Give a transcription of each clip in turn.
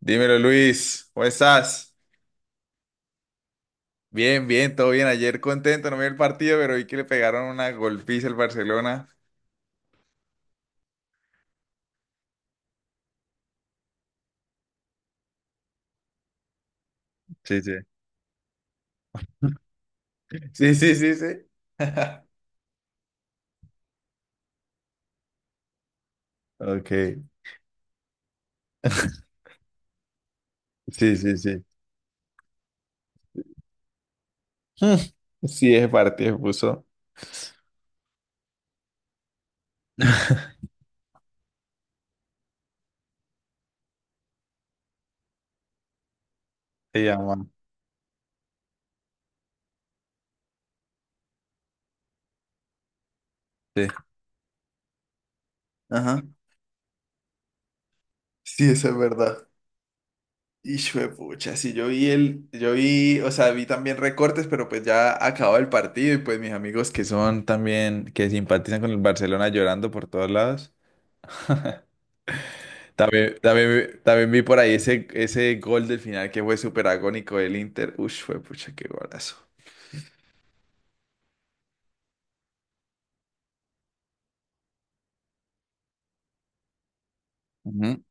Dímelo, Luis, ¿cómo estás? Bien, bien, todo bien. Ayer contento, no vi el partido, pero vi que le pegaron una golpiza al Barcelona. Sí, sí. Sí, sí, sí, sí. Ok. Sí, sí, sí. Hmm. Sí, ese partido puso. Se llama. Sí. Ajá. Sí, eso es verdad. Y de pucha, sí, yo vi, o sea, vi también recortes, pero pues ya acabó el partido y pues mis amigos que son también, que simpatizan con el Barcelona llorando por todos lados. También vi por ahí ese gol del final que fue súper agónico del Inter. Ush, fue pucha, qué golazo. Ujú.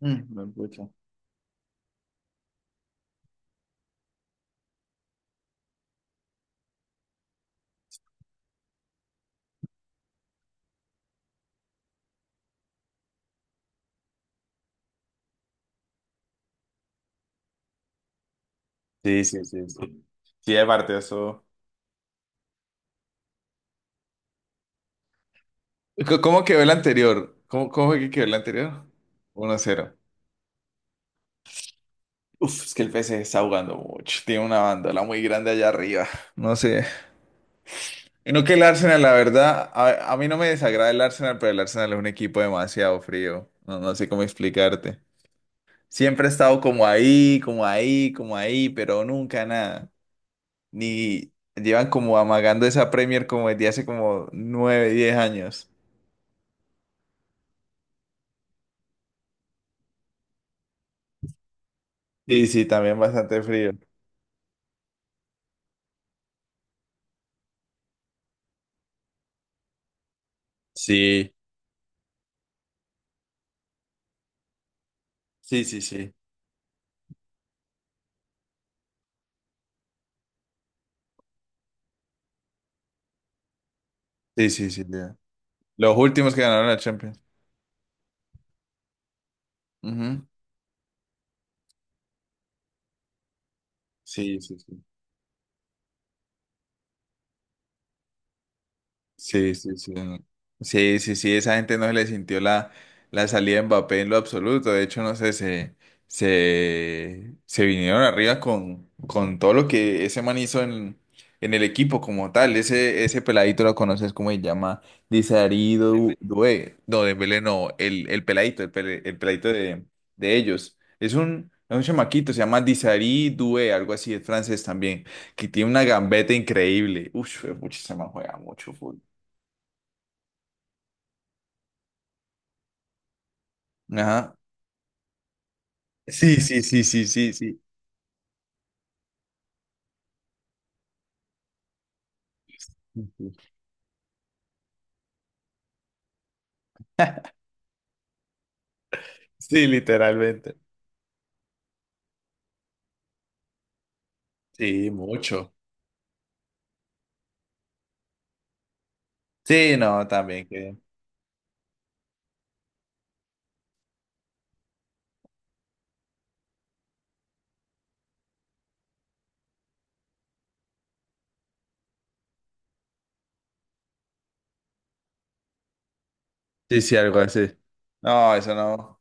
Me pucha. Sí, sí, sí, sí. Sí, aparte de eso. ¿Cómo quedó el anterior? ¿Cómo fue que quedó el anterior? 1-0. Uf, es que el PSG está jugando mucho. Tiene una bandola muy grande allá arriba. No sé. Y no que el Arsenal, la verdad, a mí no me desagrada el Arsenal, pero el Arsenal es un equipo demasiado frío. No, no sé cómo explicarte. Siempre he estado como ahí, como ahí, como ahí, pero nunca nada. Ni llevan como amagando esa Premier como desde hace como 9, 10 años. Sí, sí, también bastante frío. Sí, sí, sí, sí. Sí, sí, sí. Ya. Los últimos que ganaron la Champions. Ujú. Sí, sí, sí. Sí, sí, sí. Sí, sí, sí, esa gente no se le sintió la salida de Mbappé en lo absoluto. De hecho, no sé, se vinieron arriba con todo lo que ese man hizo en el equipo como tal. Ese peladito lo conoces cómo se llama, Disarí Dembélé. Doué. No, Dembélé no, el peladito, el peladito de ellos. Es un chamaquito, se llama Disarí Doué, algo así, es francés también, que tiene una gambeta increíble. Uf, pucha, ese man juega mucho fútbol. Ajá. Sí, sí, sí, sí, sí, sí. Sí, literalmente. Sí, mucho. Sí, no, también que. Sí, sí, algo así. No, eso no.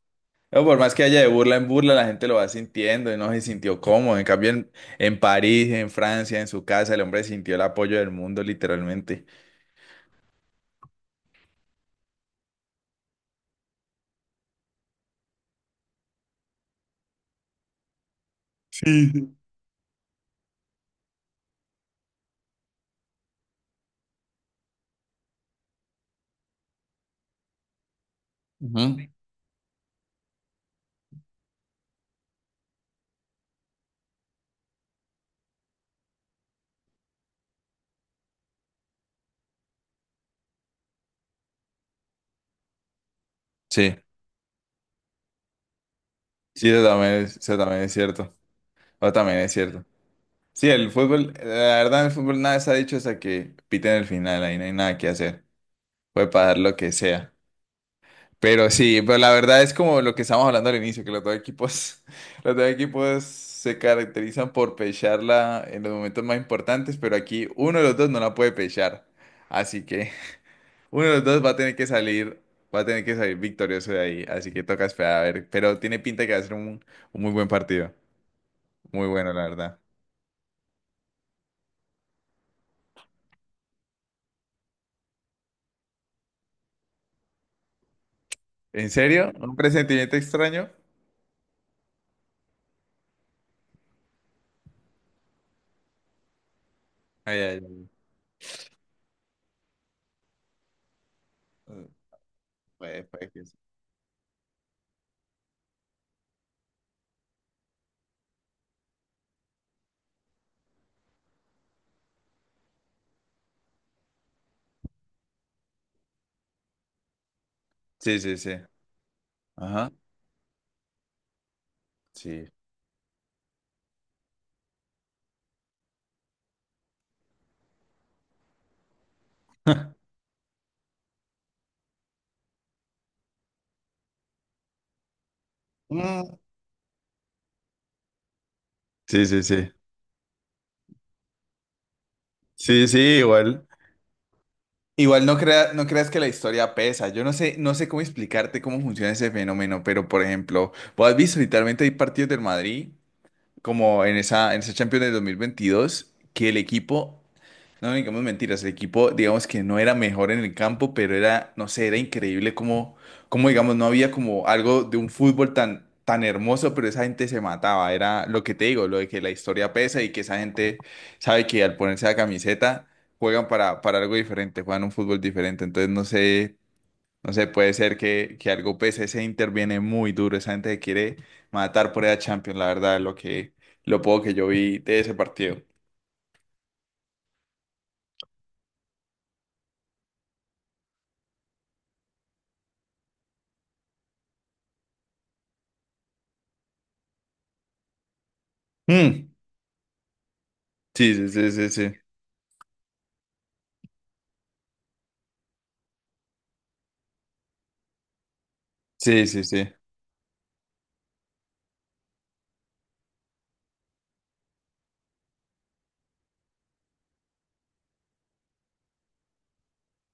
Pero por más que haya de burla en burla, la gente lo va sintiendo y no se sintió cómodo. En cambio, en París, en Francia, en su casa, el hombre sintió el apoyo del mundo, literalmente. Sí, sí. Ujú. Sí, sí, eso también es cierto. Eso también es cierto. Sí, el fútbol, la verdad, el fútbol nada se ha dicho hasta que piten el final, ahí no hay nada que hacer. Puede pagar lo que sea. Pero sí, pero la verdad es como lo que estábamos hablando al inicio, que los dos equipos, los dos equipos se caracterizan por pecharla en los momentos más importantes, pero aquí uno de los dos no la puede pechar. Así que uno de los dos va a tener que salir victorioso de ahí. Así que toca esperar a ver. Pero tiene pinta de que va a ser un muy buen partido. Muy bueno, la verdad. ¿En serio? ¿Un presentimiento extraño? Ay, ay, ay. Eh, puede que sí. Sí, sí, sí. Ajá. Sí. Sí, sí, sí. Sí, sí, igual. Igual no creas que la historia pesa. Yo no sé, no sé cómo explicarte cómo funciona ese fenómeno, pero por ejemplo, vos has visto literalmente hay partidos del Madrid, como en esa Champions del 2022 que el equipo. No, digamos mentiras, el equipo, digamos que no era mejor en el campo, pero era, no sé, era increíble como digamos, no había como algo de un fútbol tan, tan hermoso, pero esa gente se mataba, era lo que te digo, lo de que la historia pesa y que esa gente sabe que al ponerse la camiseta juegan para algo diferente, juegan un fútbol diferente, entonces no sé, no sé, puede ser que algo pese, ese interviene muy duro, esa gente se quiere matar por esa Champions, la verdad, lo que, lo poco que yo vi de ese partido. Mm, sí, sí, sí, sí, sí. Sí, sí, sí.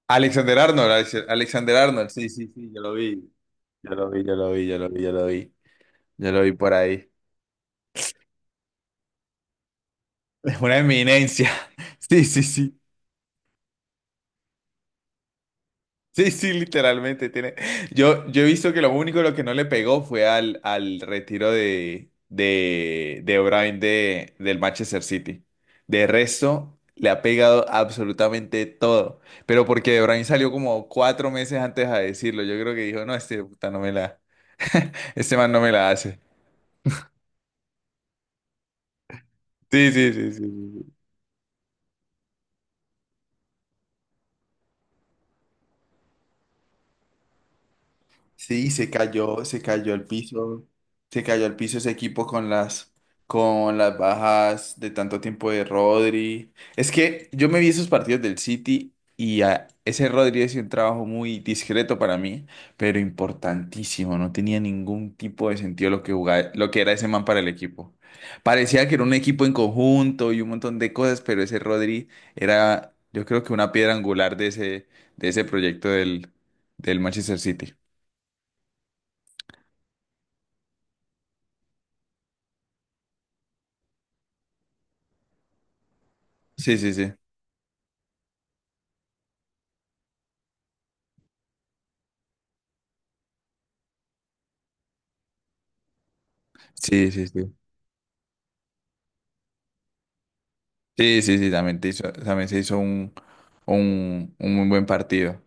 Alexander Arnold, Alexander Arnold, sí, sí, sí, yo lo vi. Yo lo vi, yo lo vi, yo lo vi, yo lo vi. Yo lo vi por ahí. Es una eminencia. Sí, sí, sí. Sí, sí, literalmente tiene. Yo he visto que lo único lo que no le pegó fue al retiro de O'Brien del Manchester City. De resto, le ha pegado absolutamente todo. Pero porque O'Brien salió como 4 meses antes a decirlo. Yo creo que dijo, no, este puta no me la, este man no me la hace. Sí, sí, sí, sí, sí, sí. Sí, se cayó al piso ese equipo con las, bajas de tanto tiempo de Rodri. Es que yo me vi esos partidos del City y a ese Rodri es un trabajo muy discreto para mí, pero importantísimo. No tenía ningún tipo de sentido lo que era ese man para el equipo. Parecía que era un equipo en conjunto y un montón de cosas, pero ese Rodri era, yo creo que una piedra angular de ese proyecto del Manchester City. Sí, sí, sí. Sí, sí, sí. Sí, sí, sí, también, también se hizo un, muy buen partido.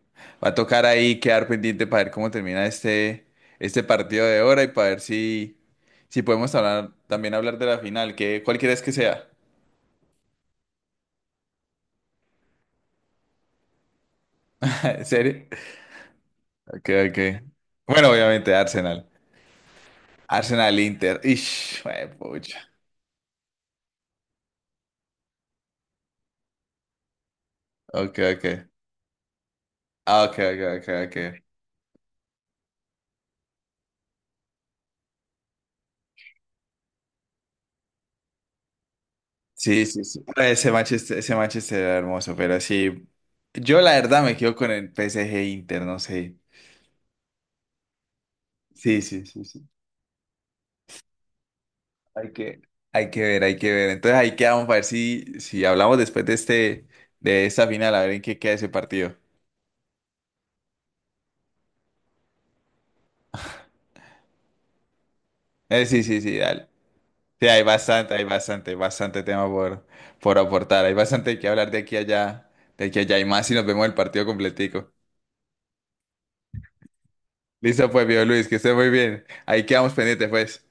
Va a tocar ahí quedar pendiente para ver cómo termina este partido de ahora y para ver si podemos hablar, también hablar de la final, que cuál quieres que sea. ¿En serio? Ok, ok. Bueno, obviamente Arsenal. Arsenal Inter. Ish, juepucha. Ok, ok. Ah, Ok, ok, ok, ok. Sí, sí, sí. Ah, Ese Manchester era hermoso, pero sí. Yo la verdad me quedo con el PSG Inter, no sé. Sí, sí, sí, sí. Hay que, hay que ver, hay que ver. Entonces ahí quedamos para ver si, hablamos después de esta final, a ver en qué queda ese partido. Sí, sí, sí, dale. Sí, hay bastante, bastante tema por aportar. Hay bastante que hablar de aquí a allá, de aquí a allá y más si nos vemos el partido completico. Listo, pues, viejo Luis, que esté muy bien. Ahí quedamos pendientes, pues.